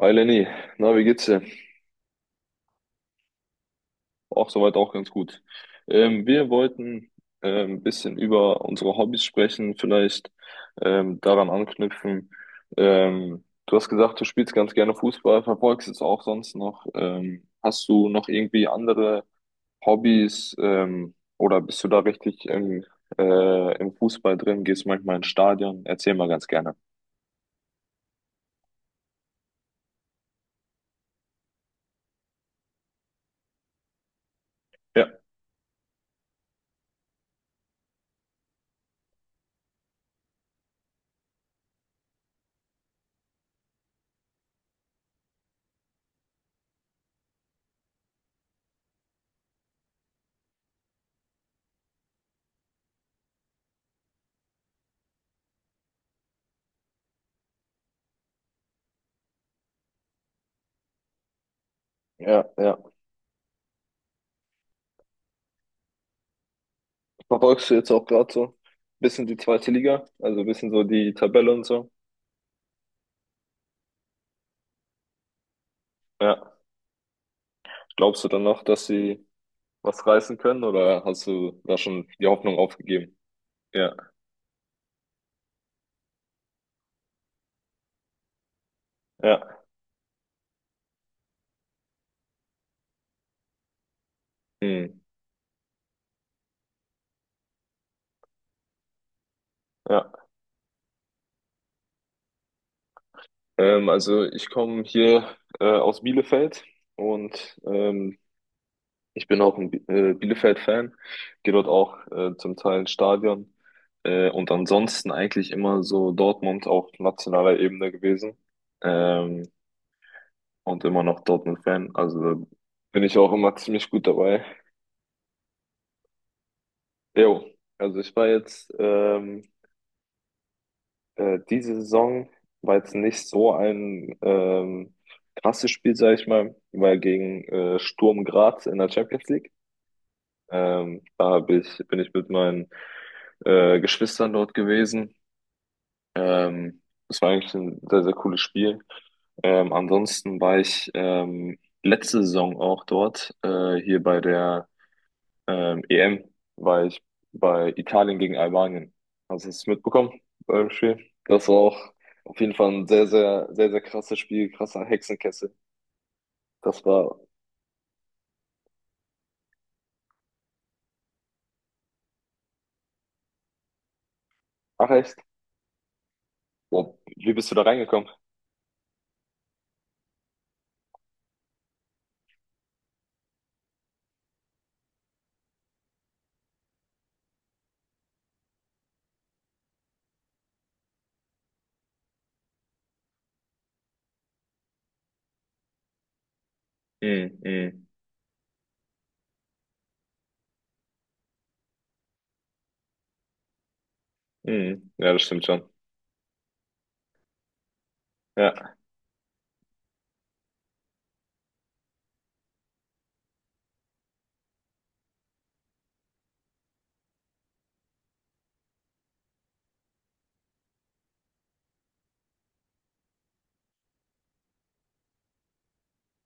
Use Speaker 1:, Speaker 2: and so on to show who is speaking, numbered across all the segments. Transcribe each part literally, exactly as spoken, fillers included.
Speaker 1: Hi Lenny, na, wie geht's dir? Auch soweit auch ganz gut. Ähm, wir wollten ähm, ein bisschen über unsere Hobbys sprechen, vielleicht ähm, daran anknüpfen. Ähm, du hast gesagt, du spielst ganz gerne Fußball, verfolgst es auch sonst noch. Ähm, hast du noch irgendwie andere Hobbys ähm, oder bist du da richtig im, äh, im Fußball drin? Gehst manchmal ins Stadion? Erzähl mal ganz gerne. Ja, ja, ja. Verfolgst du jetzt auch gerade so ein bisschen die zweite Liga, also ein bisschen so die Tabelle und so? Ja. Glaubst du dann noch, dass sie was reißen können oder hast du da schon die Hoffnung aufgegeben? Ja, ja, hm. Ja. Ähm, also ich komme hier äh, aus Bielefeld und ähm, ich bin auch ein Bi äh, Bielefeld-Fan, gehe dort auch äh, zum Teil ins Stadion äh, und ansonsten eigentlich immer so Dortmund auf nationaler Ebene gewesen. Ähm, und immer noch Dortmund-Fan. Also bin ich auch immer ziemlich gut dabei. Jo, also ich war jetzt ähm, äh, diese Saison war jetzt nicht so ein ähm, krasses Spiel, sag ich mal, weil gegen äh, Sturm Graz in der Champions League. Ähm, da hab ich, bin ich mit meinen äh, Geschwistern dort gewesen. Ähm, Das war eigentlich ein sehr, sehr cooles Spiel. Ähm, ansonsten war ich ähm, letzte Saison auch dort, äh, hier bei der ähm, E M war ich bei Italien gegen Albanien. Hast du es mitbekommen beim Spiel? Das war auch auf jeden Fall ein sehr, sehr, sehr, sehr krasses Spiel, krasser Hexenkessel. Das war, Ach echt? Boah, wie bist du da reingekommen? Mhm, mhm, mhm. Ja, das stimmt schon. Ja.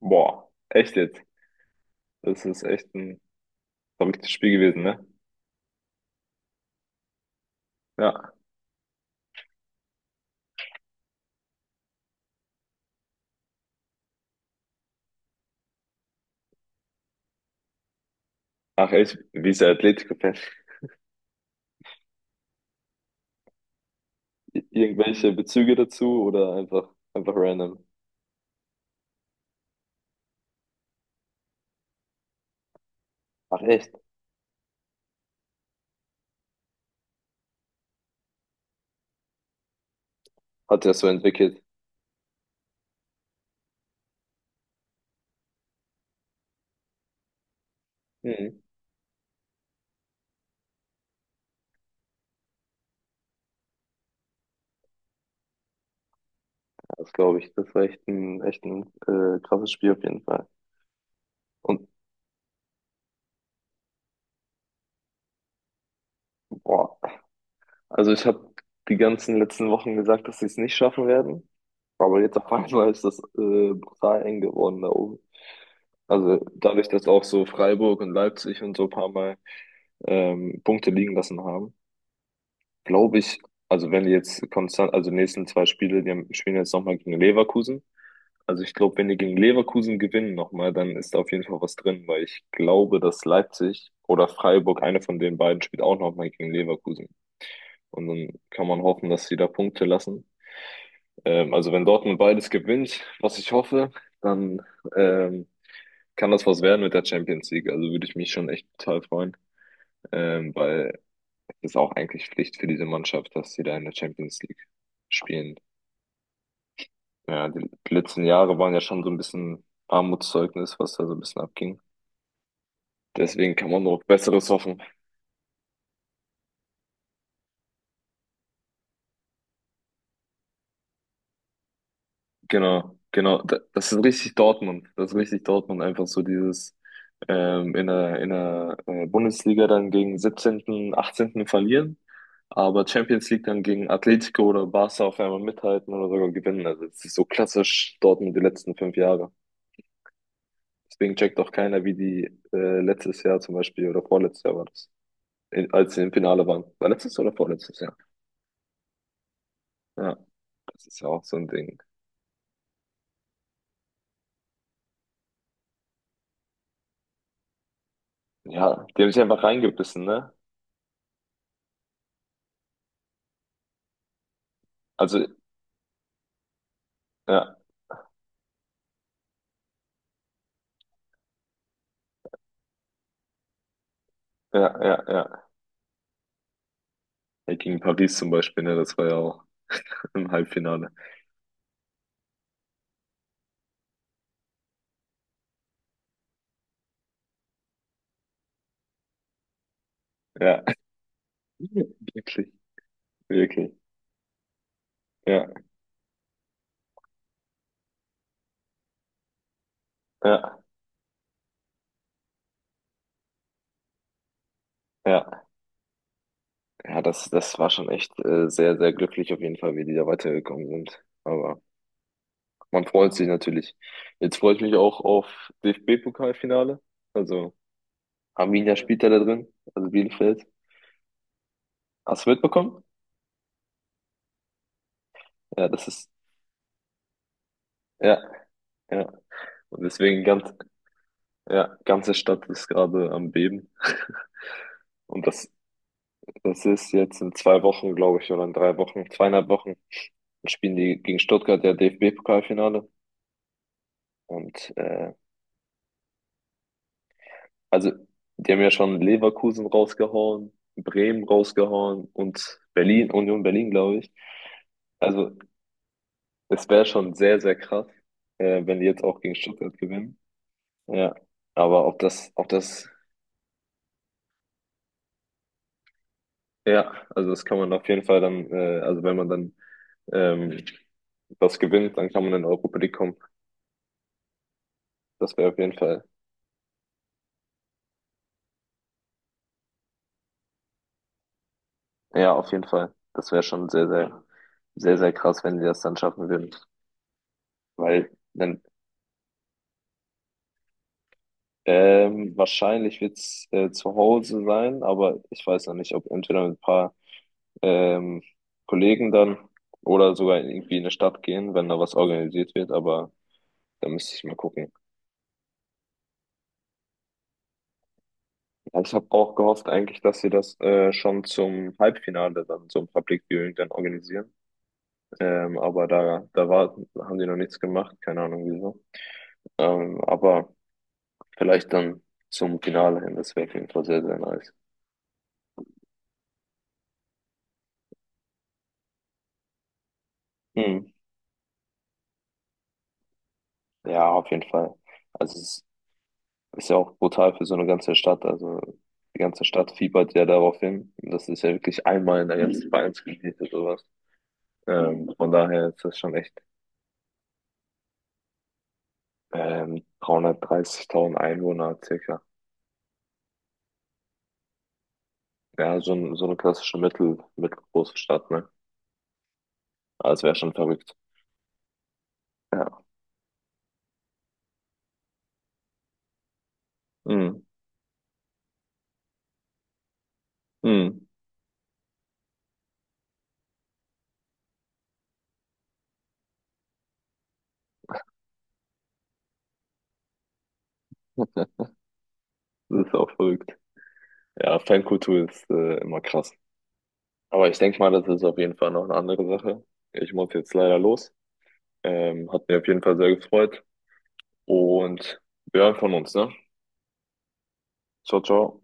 Speaker 1: Boah, echt jetzt? Das ist echt ein verrücktes Spiel gewesen, ne? Ja. Ach echt, wie ist der Atletico-Fan? I- Irgendwelche Bezüge dazu oder einfach, einfach random? Ach echt? Hat er so entwickelt? Das glaube ich, das war echt ein, echt ein äh, krasses Spiel auf jeden Fall. Und boah, also ich habe die ganzen letzten Wochen gesagt, dass sie es nicht schaffen werden, aber jetzt auf einmal ist das äh, brutal eng geworden da oben. Also dadurch, dass auch so Freiburg und Leipzig und so ein paar Mal ähm, Punkte liegen lassen haben, glaube ich, also wenn die jetzt konstant, also die nächsten zwei Spiele, die haben, spielen jetzt nochmal gegen Leverkusen. Also ich glaube, wenn die gegen Leverkusen gewinnen nochmal, dann ist da auf jeden Fall was drin, weil ich glaube, dass Leipzig oder Freiburg, eine von den beiden, spielt auch nochmal gegen Leverkusen. Und dann kann man hoffen, dass sie da Punkte lassen. Ähm, also wenn Dortmund beides gewinnt, was ich hoffe, dann ähm, kann das was werden mit der Champions League. Also würde ich mich schon echt total freuen, ähm, weil ist auch eigentlich Pflicht für diese Mannschaft, dass sie da in der Champions League spielen. Ja, die letzten Jahre waren ja schon so ein bisschen Armutszeugnis, was da so ein bisschen abging. Deswegen kann man noch Besseres hoffen. Genau, genau. Da- Das ist richtig Dortmund. Das ist richtig Dortmund. Einfach so dieses ähm, in der, in der äh, Bundesliga dann gegen siebzehnten., achtzehnten verlieren, aber Champions League dann gegen Atletico oder Barca auf einmal mithalten oder sogar gewinnen. Also es ist so klassisch Dortmund die letzten fünf Jahre. Deswegen checkt auch keiner, wie die äh, letztes Jahr zum Beispiel oder vorletztes Jahr war das, in, als sie im Finale waren. War letztes oder vorletztes Jahr? Ja, das ist ja auch so ein Ding. Ja, die haben sich einfach reingebissen, ne? Also, ja, ja, ja, ja. Ja, gegen Paris zum Beispiel, ne? Das war ja auch im Halbfinale. Ja, wirklich, wirklich. Ja, ja, ja. Ja, das, das war schon echt äh, sehr, sehr glücklich auf jeden Fall, wie die da weitergekommen sind. Aber man freut sich natürlich. Jetzt freue ich mich auch auf D F B-Pokalfinale. Also Arminia spielt er da drin, also Bielefeld. Hast du mitbekommen? Ja, das ist, ja, ja. Und deswegen ganz, ja, ganze Stadt ist gerade am Beben. Und das, das ist jetzt in zwei Wochen, glaube ich, oder in drei Wochen, zweieinhalb Wochen, spielen die gegen Stuttgart ja D F B-Pokalfinale. Und äh, also, die haben ja schon Leverkusen rausgehauen, Bremen rausgehauen und Berlin, Union Berlin, glaube ich. Also, es wäre schon sehr, sehr krass, äh, wenn die jetzt auch gegen Stuttgart gewinnen. Ja, aber ob das, ob das, ja, also das kann man auf jeden Fall dann, äh, also wenn man dann ähm, das gewinnt, dann kann man in die Europa League kommen. Das wäre auf jeden Fall, ja, auf jeden Fall. Das wäre schon sehr, sehr, sehr, sehr krass, wenn sie das dann schaffen würden. Weil dann ähm, wahrscheinlich wird's äh, zu Hause sein, aber ich weiß noch nicht, ob entweder mit ein paar ähm, Kollegen dann oder sogar irgendwie in eine Stadt gehen, wenn da was organisiert wird, aber da müsste ich mal gucken. Ja, ich habe auch gehofft eigentlich, dass sie das äh, schon zum Halbfinale dann zum Public Viewing dann organisieren. Ähm, aber da, da war, haben die noch nichts gemacht, keine Ahnung wieso. Ähm, aber vielleicht dann zum Finale hin, das wäre auf jeden Fall sehr, sehr nice. Hm. Ja, auf jeden Fall. Also es ist ja auch brutal für so eine ganze Stadt. Also die ganze Stadt fiebert ja darauf hin. Und das ist ja wirklich einmal in der ganzen Vereinsgeschichte sowas. Ähm, von daher ist das schon echt. ähm, dreihundertdreißigtausend Einwohner circa. Ja, so, ein- so eine klassische Mittel, mittelgroße Stadt, ne? Aber es wäre schon verrückt. Ja. Mhm. Mhm. Das ist auch verrückt. Ja, Fankultur ist äh, immer krass. Aber ich denke mal, das ist auf jeden Fall noch eine andere Sache. Ich muss jetzt leider los. Ähm, hat mich auf jeden Fall sehr gefreut. Und wir hören von uns, ne? Ciao, ciao.